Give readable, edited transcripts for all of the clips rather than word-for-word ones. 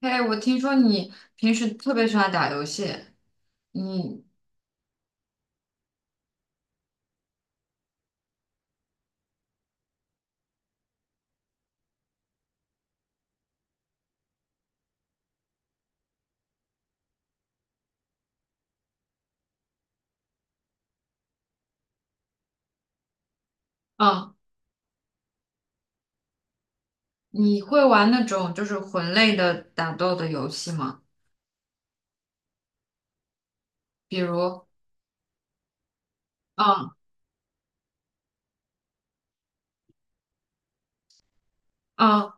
哎，我听说你平时特别喜欢打游戏，你啊你会玩那种就是魂类的打斗的游戏吗？比如，啊啊，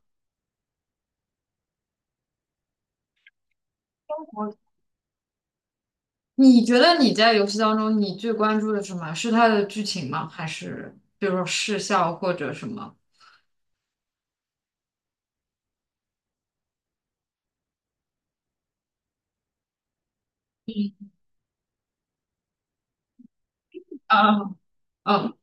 我你觉得你在游戏当中你最关注的什么？是它的剧情吗？还是比如说视效或者什么？嗯，啊啊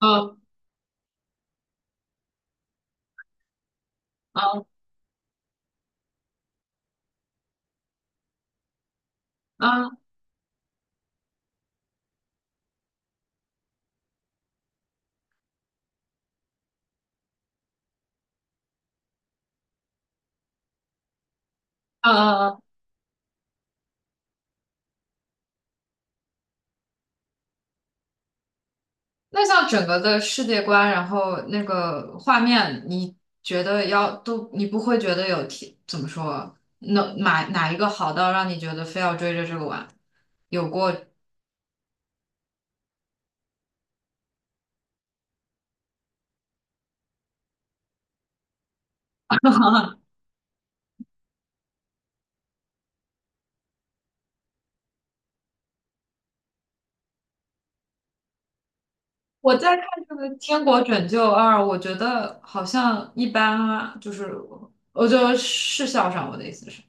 啊啊啊啊啊啊！那像整个的世界观，然后那个画面，你觉得要都，你不会觉得有提，怎么说，哪一个好到让你觉得非要追着这个玩？有过，我在看这个《天国拯救二》，我觉得好像一般啊，就是我就视效上，我的意思是，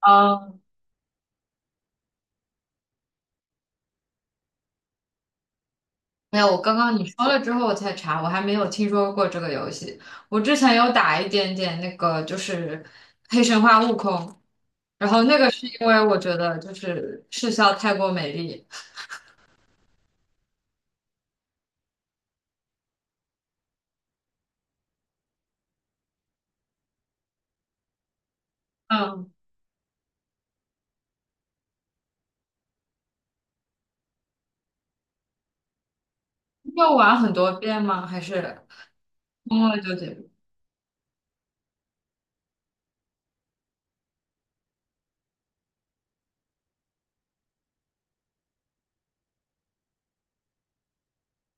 嗯，没有，我刚刚你说了之后我才查，我还没有听说过这个游戏，我之前有打一点点那个，就是黑神话悟空。然后那个是因为我觉得就是视笑太过美丽。嗯，要玩很多遍吗？还是通了就结束？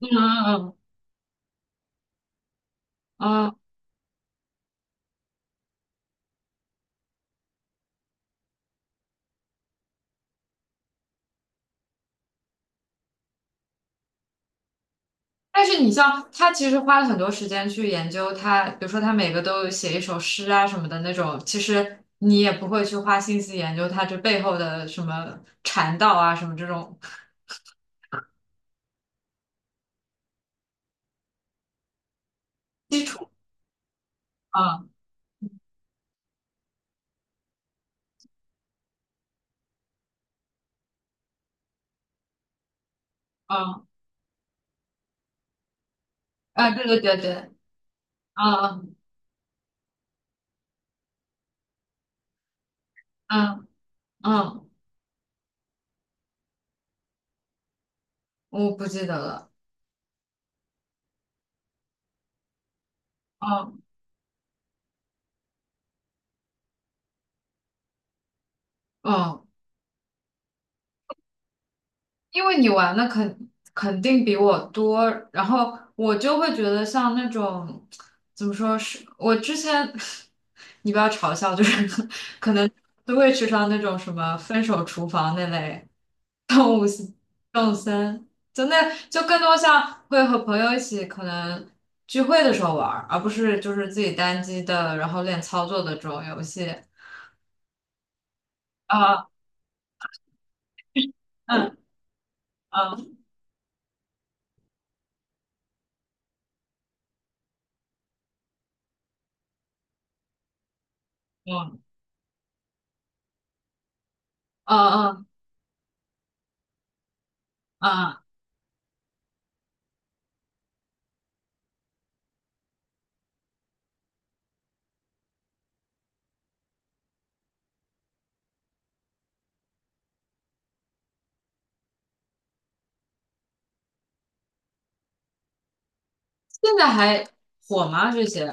嗯嗯嗯嗯。但是你像他其实花了很多时间去研究他，比如说他每个都有写一首诗啊什么的那种，其实你也不会去花心思研究他这背后的什么禅道啊什么这种基础。嗯嗯，啊，对对对对，嗯嗯嗯嗯，我不记得了。嗯嗯。因为你玩的肯定比我多，然后我就会觉得像那种怎么说是，我之前 你不要嘲笑，就是可能都会去上那种什么《分手厨房》那类动物性动森，就那就更多像会和朋友一起可能聚会的时候玩儿而不是就是自己单机的，然后练操作的这种游戏。啊，嗯嗯嗯嗯嗯嗯，现在还火吗？这些？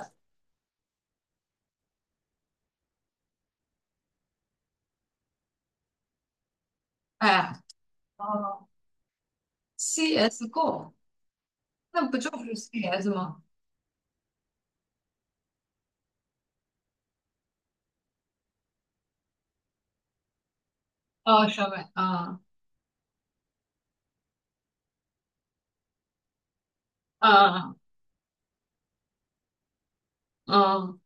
哎，哦，CS:GO，那不就是 CS 吗？哦，上面，嗯嗯嗯，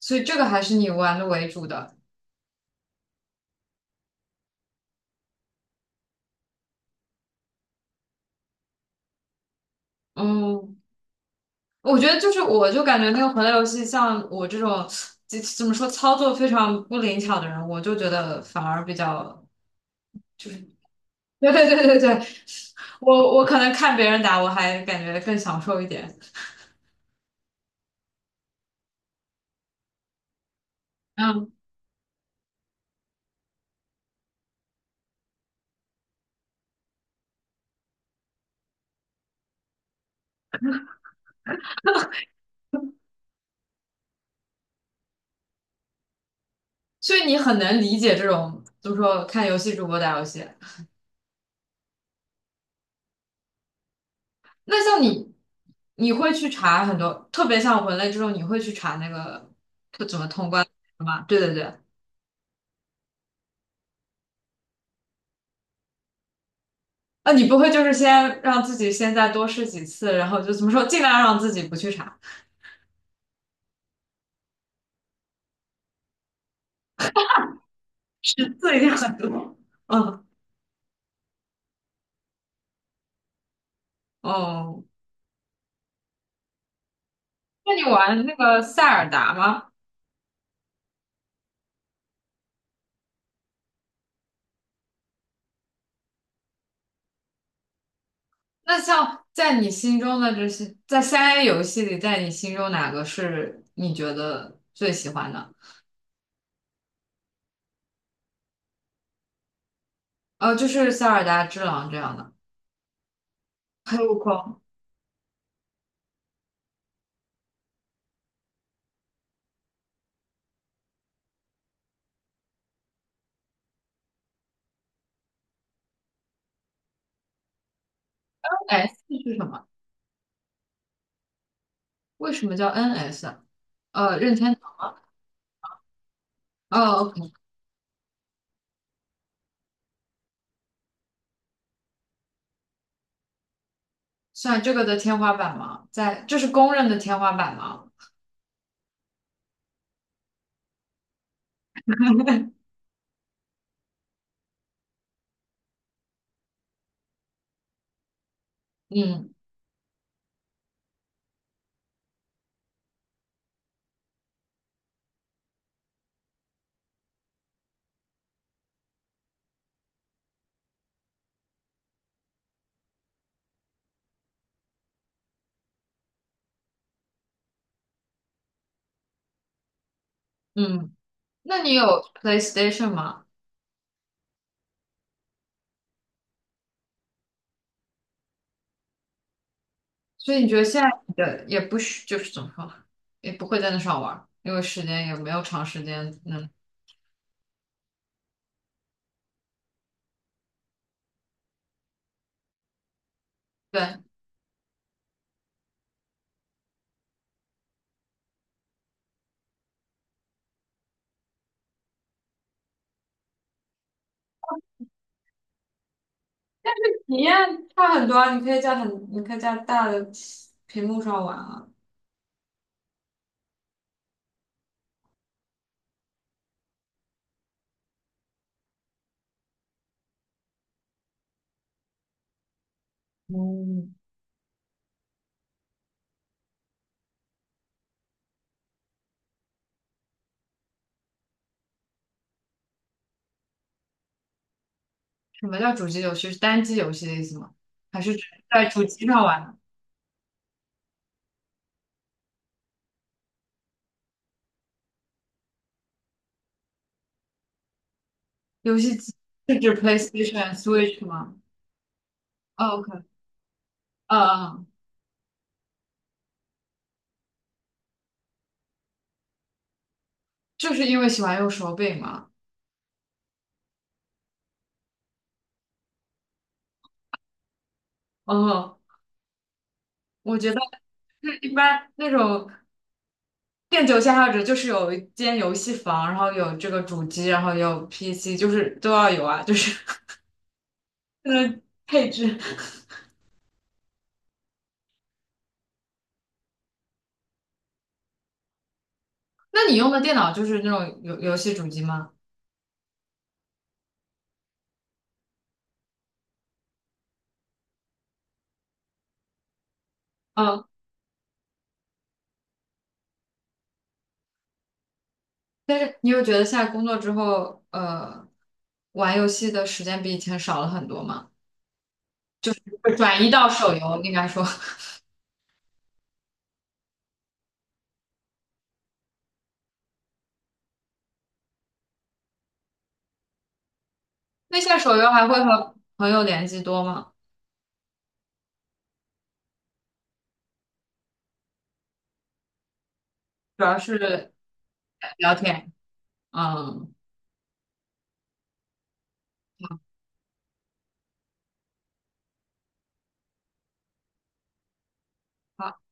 所以这个还是你玩的为主的。嗯，我觉得就是，我就感觉那个魂类游戏，像我这种怎么说操作非常不灵巧的人，我就觉得反而比较就是 对对对对对，我可能看别人打，我还感觉更享受一点。嗯，所以你很能理解这种，就么说看游戏主播打游戏。那像你，你会去查很多，特别像文类这种，你会去查那个它怎么通关的吗？对对对，啊，你不会就是先让自己现在多试几次，然后就怎么说，尽量让自己不去查，十次一定很多。嗯，哦，那你玩那个塞尔达吗？那像在你心中的这些，在三 A 游戏里，在你心中哪个是你觉得最喜欢的？呃，就是塞尔达之狼这样的，还有光 S 是什么？为什么叫 NS 啊任天堂吗？哦，OK，算这个的天花板吗？在，这是公认的天花板吗？嗯嗯，那你有 PlayStation 吗？所以你觉得现在你的也不需，就是怎么说，也不会在那上玩儿，因为时间也没有长时间。嗯，对，体验差很多啊，你可以在很，你可以在大的屏幕上玩啊。嗯，什么叫主机游戏？是单机游戏的意思吗？还是只在主机上玩？游戏机是指 PlayStation、Switch 吗？o k 嗯嗯，就是因为喜欢用手柄嘛。嗯，我觉得一般那种电竞爱好者就是有一间游戏房，然后有这个主机，然后有 PC，就是都要有啊，就是 那个配置。那你用的电脑就是那种游戏主机吗？嗯，但是你有觉得现在工作之后，玩游戏的时间比以前少了很多吗？转移到手游，应该说。那下手游还会和朋友联系多吗？主要是聊天。嗯，好。